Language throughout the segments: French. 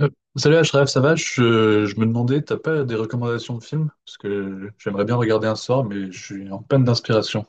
Euh, Salut Ashraf, ça va? Je me demandais, t'as pas des recommandations de films? Parce que j'aimerais bien regarder un soir, mais je suis en peine d'inspiration.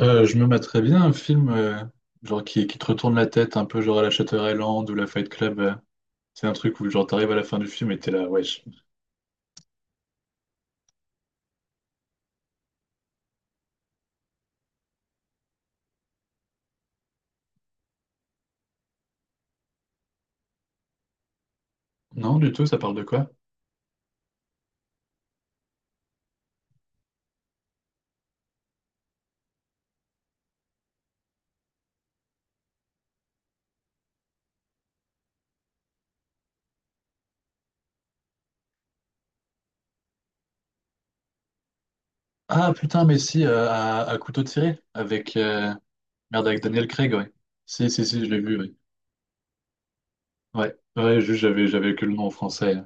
Je me mettrais bien un film genre qui te retourne la tête, un peu genre à la Shutter Island ou la Fight Club. C'est un truc où genre t'arrives à la fin du film et t'es là, wesh. Non, du tout, ça parle de quoi? Ah putain, mais si, à couteau tiré, avec, merde, avec Daniel Craig, ouais. Si, si, si, je l'ai vu, oui. Ouais, ouais, juste j'avais que le nom en français.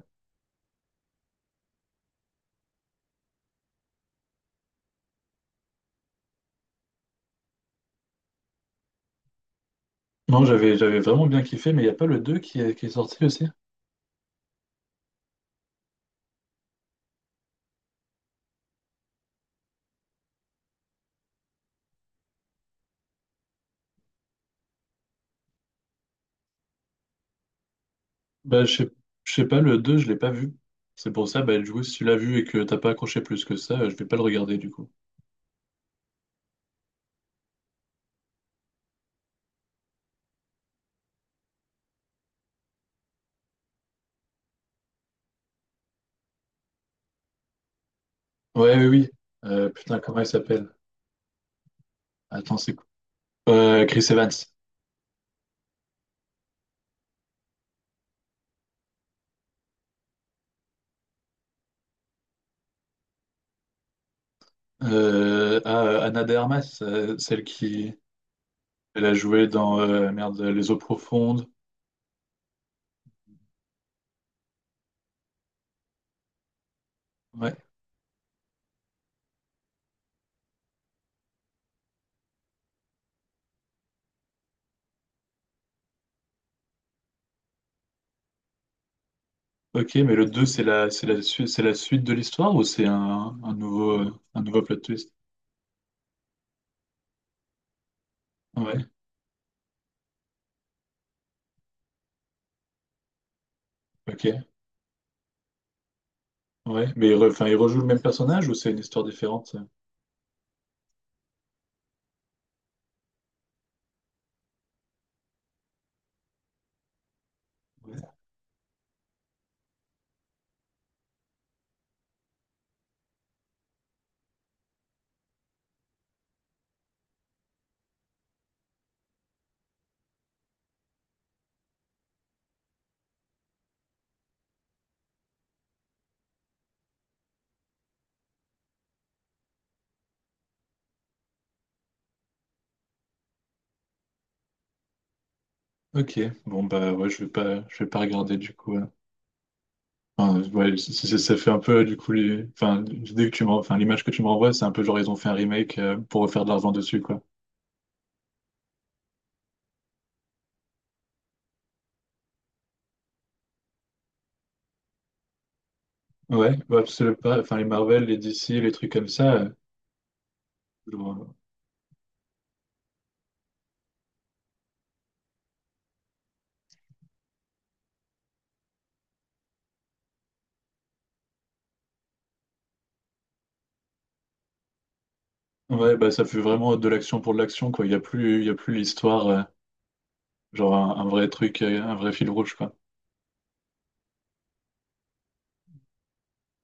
Non, j'avais vraiment bien kiffé, mais il n'y a pas le 2 qui est sorti aussi? Bah, je sais pas, le 2 je l'ai pas vu. C'est pour ça, bah, du coup, si tu l'as vu et que t'as pas accroché plus que ça, je vais pas le regarder, du coup. Ouais, oui, oui. Putain, comment il s'appelle? Attends, c'est quoi? Chris Evans. Ana de Armas, celle qui, elle a joué dans, merde, Les Eaux Profondes. Ouais. Ok, mais le 2 c'est la suite de l'histoire ou c'est un nouveau, un nouveau plot twist? Ouais, ok, ouais. Mais il, enfin, il rejoue le même personnage ou c'est une histoire différente? Ça Ouais. Ok, bon bah ouais, je vais pas regarder du coup. Enfin, ouais, ça fait un peu du coup, enfin, l'idée que tu m'en- enfin, l'image que tu me renvoies, c'est un peu genre ils ont fait un remake pour refaire de l'argent dessus, quoi. Ouais, bah, c'est le pas, enfin, les Marvel, les DC, les trucs comme ça. Genre, ouais, bah ça fait vraiment de l'action pour de l'action, quoi. Il y a plus l'histoire. Genre un vrai truc, un vrai fil rouge, quoi.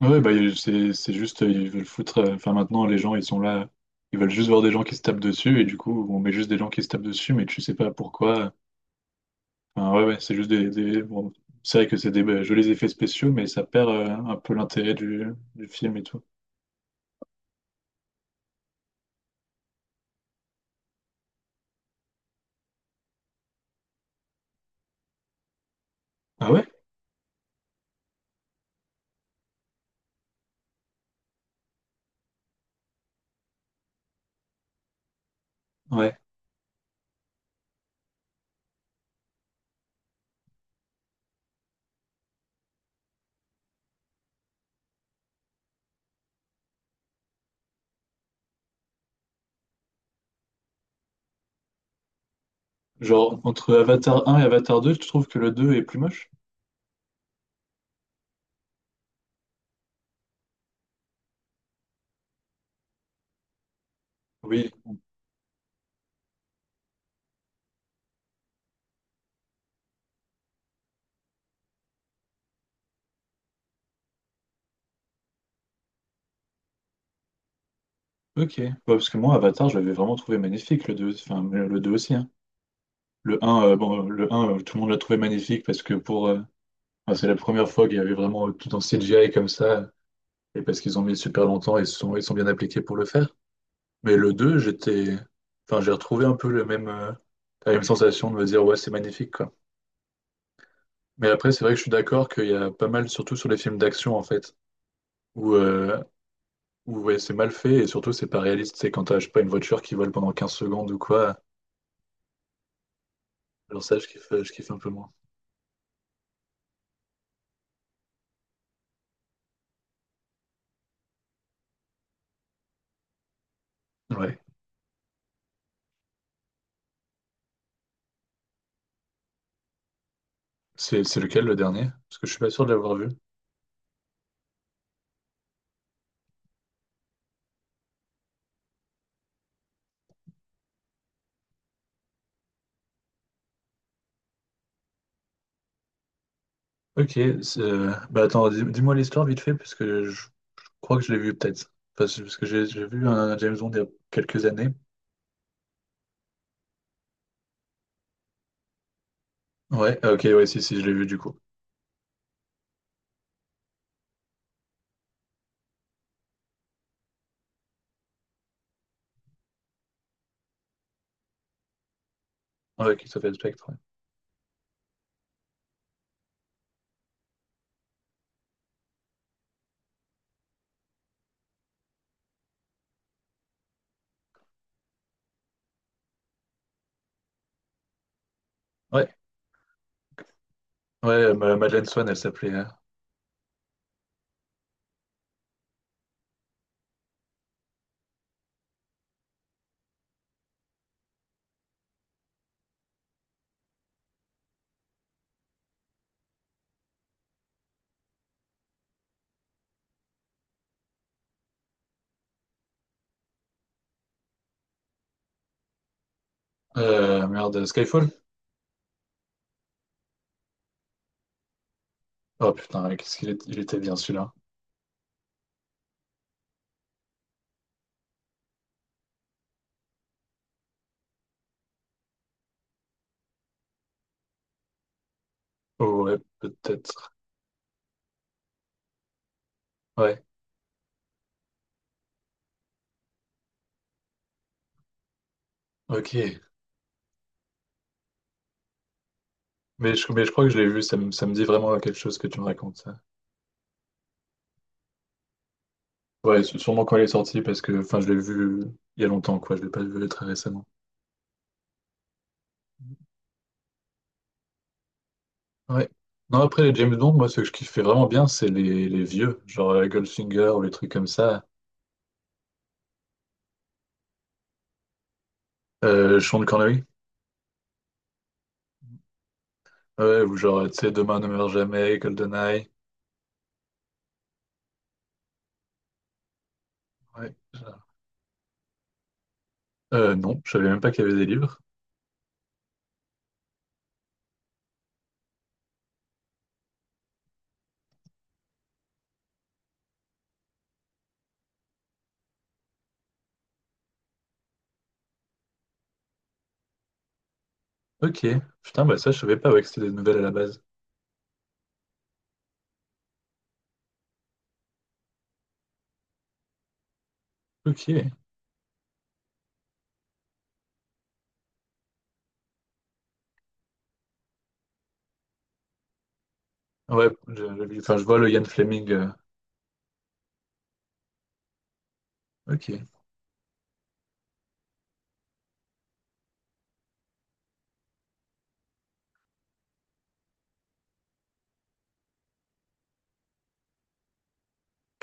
Ouais, c'est juste, ils veulent foutre. Enfin maintenant, les gens, ils sont là, ils veulent juste voir des gens qui se tapent dessus, et du coup, on met juste des gens qui se tapent dessus, mais tu sais pas pourquoi. Enfin, ouais, ouais, c'est juste bon, c'est vrai que c'est des jolis effets spéciaux, mais ça perd un peu l'intérêt du film et tout. Ah ouais? Ouais. Genre entre Avatar 1 et Avatar 2, tu trouves que le 2 est plus moche? Oui. Ok. Ouais, parce que moi, Avatar, je l'avais vraiment trouvé magnifique, le 2, enfin le 2 aussi, hein. Le un, bon, le un, tout le monde l'a trouvé magnifique parce que pour, enfin, c'est la première fois qu'il y avait vraiment tout en CGI comme ça et parce qu'ils ont mis super longtemps et ils sont bien appliqués pour le faire. Mais le 2, j'étais, enfin, j'ai retrouvé un peu le même, la même sensation de me dire ouais, c'est magnifique quoi. Mais après, c'est vrai que je suis d'accord qu'il y a pas mal, surtout sur les films d'action en fait, où, euh, où ouais, c'est mal fait et surtout c'est pas réaliste. C'est quand t'as, je sais pas, une voiture qui vole pendant 15 secondes ou quoi. Alors ça, je kiffe un peu moins. Ouais. C'est lequel le dernier? Parce que je suis pas sûr de l'avoir vu. Ok, bah attends, dis-moi l'histoire vite fait, parce que je crois que je l'ai vu peut-être. Parce que j'ai vu un James Bond il y a quelques années. Ouais, ah, ok, ouais, si, si, je l'ai vu du coup. Ouais, qui s'appelle Spectre. Ouais, ouais, ouais Madeleine Swan, elle s'appelait. Merde, Skyfall? Oh putain, ouais, qu'est-ce qu'il était bien celui-là. Oh, ouais, peut-être. Ouais, ok. Mais je crois que je l'ai vu, ça me dit vraiment quelque chose que tu me racontes, ça. Ouais, sûrement quand elle est sortie, parce que enfin, je l'ai vu il y a longtemps, quoi, je l'ai pas vu très récemment. Ouais. Non, après les James Bond, moi, ce que je kiffais vraiment bien, c'est les vieux, genre Goldfinger ou les trucs comme ça. Sean Connery, ouais, ou genre, tu sais, Demain ne meurt jamais, GoldenEye. Ouais. Non, je savais même pas qu'il y avait des livres. Ok, putain, bah ça, je savais pas ouais, que c'était des nouvelles à la base. Ok, ouais, enfin, je vois le Ian Fleming. Ok,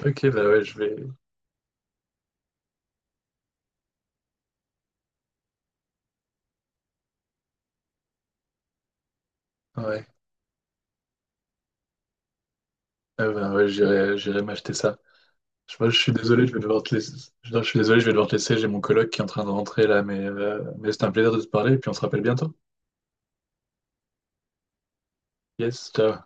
ok, bah ouais, je vais. Ouais, ah bah ouais, j'irai m'acheter ça. Je, moi, je suis désolé, je vais devoir te laisser. Je suis désolé, je vais devoir te laisser. J'ai mon coloc qui est en train de rentrer là, mais c'était un plaisir de te parler et puis on se rappelle bientôt. Yes, ciao.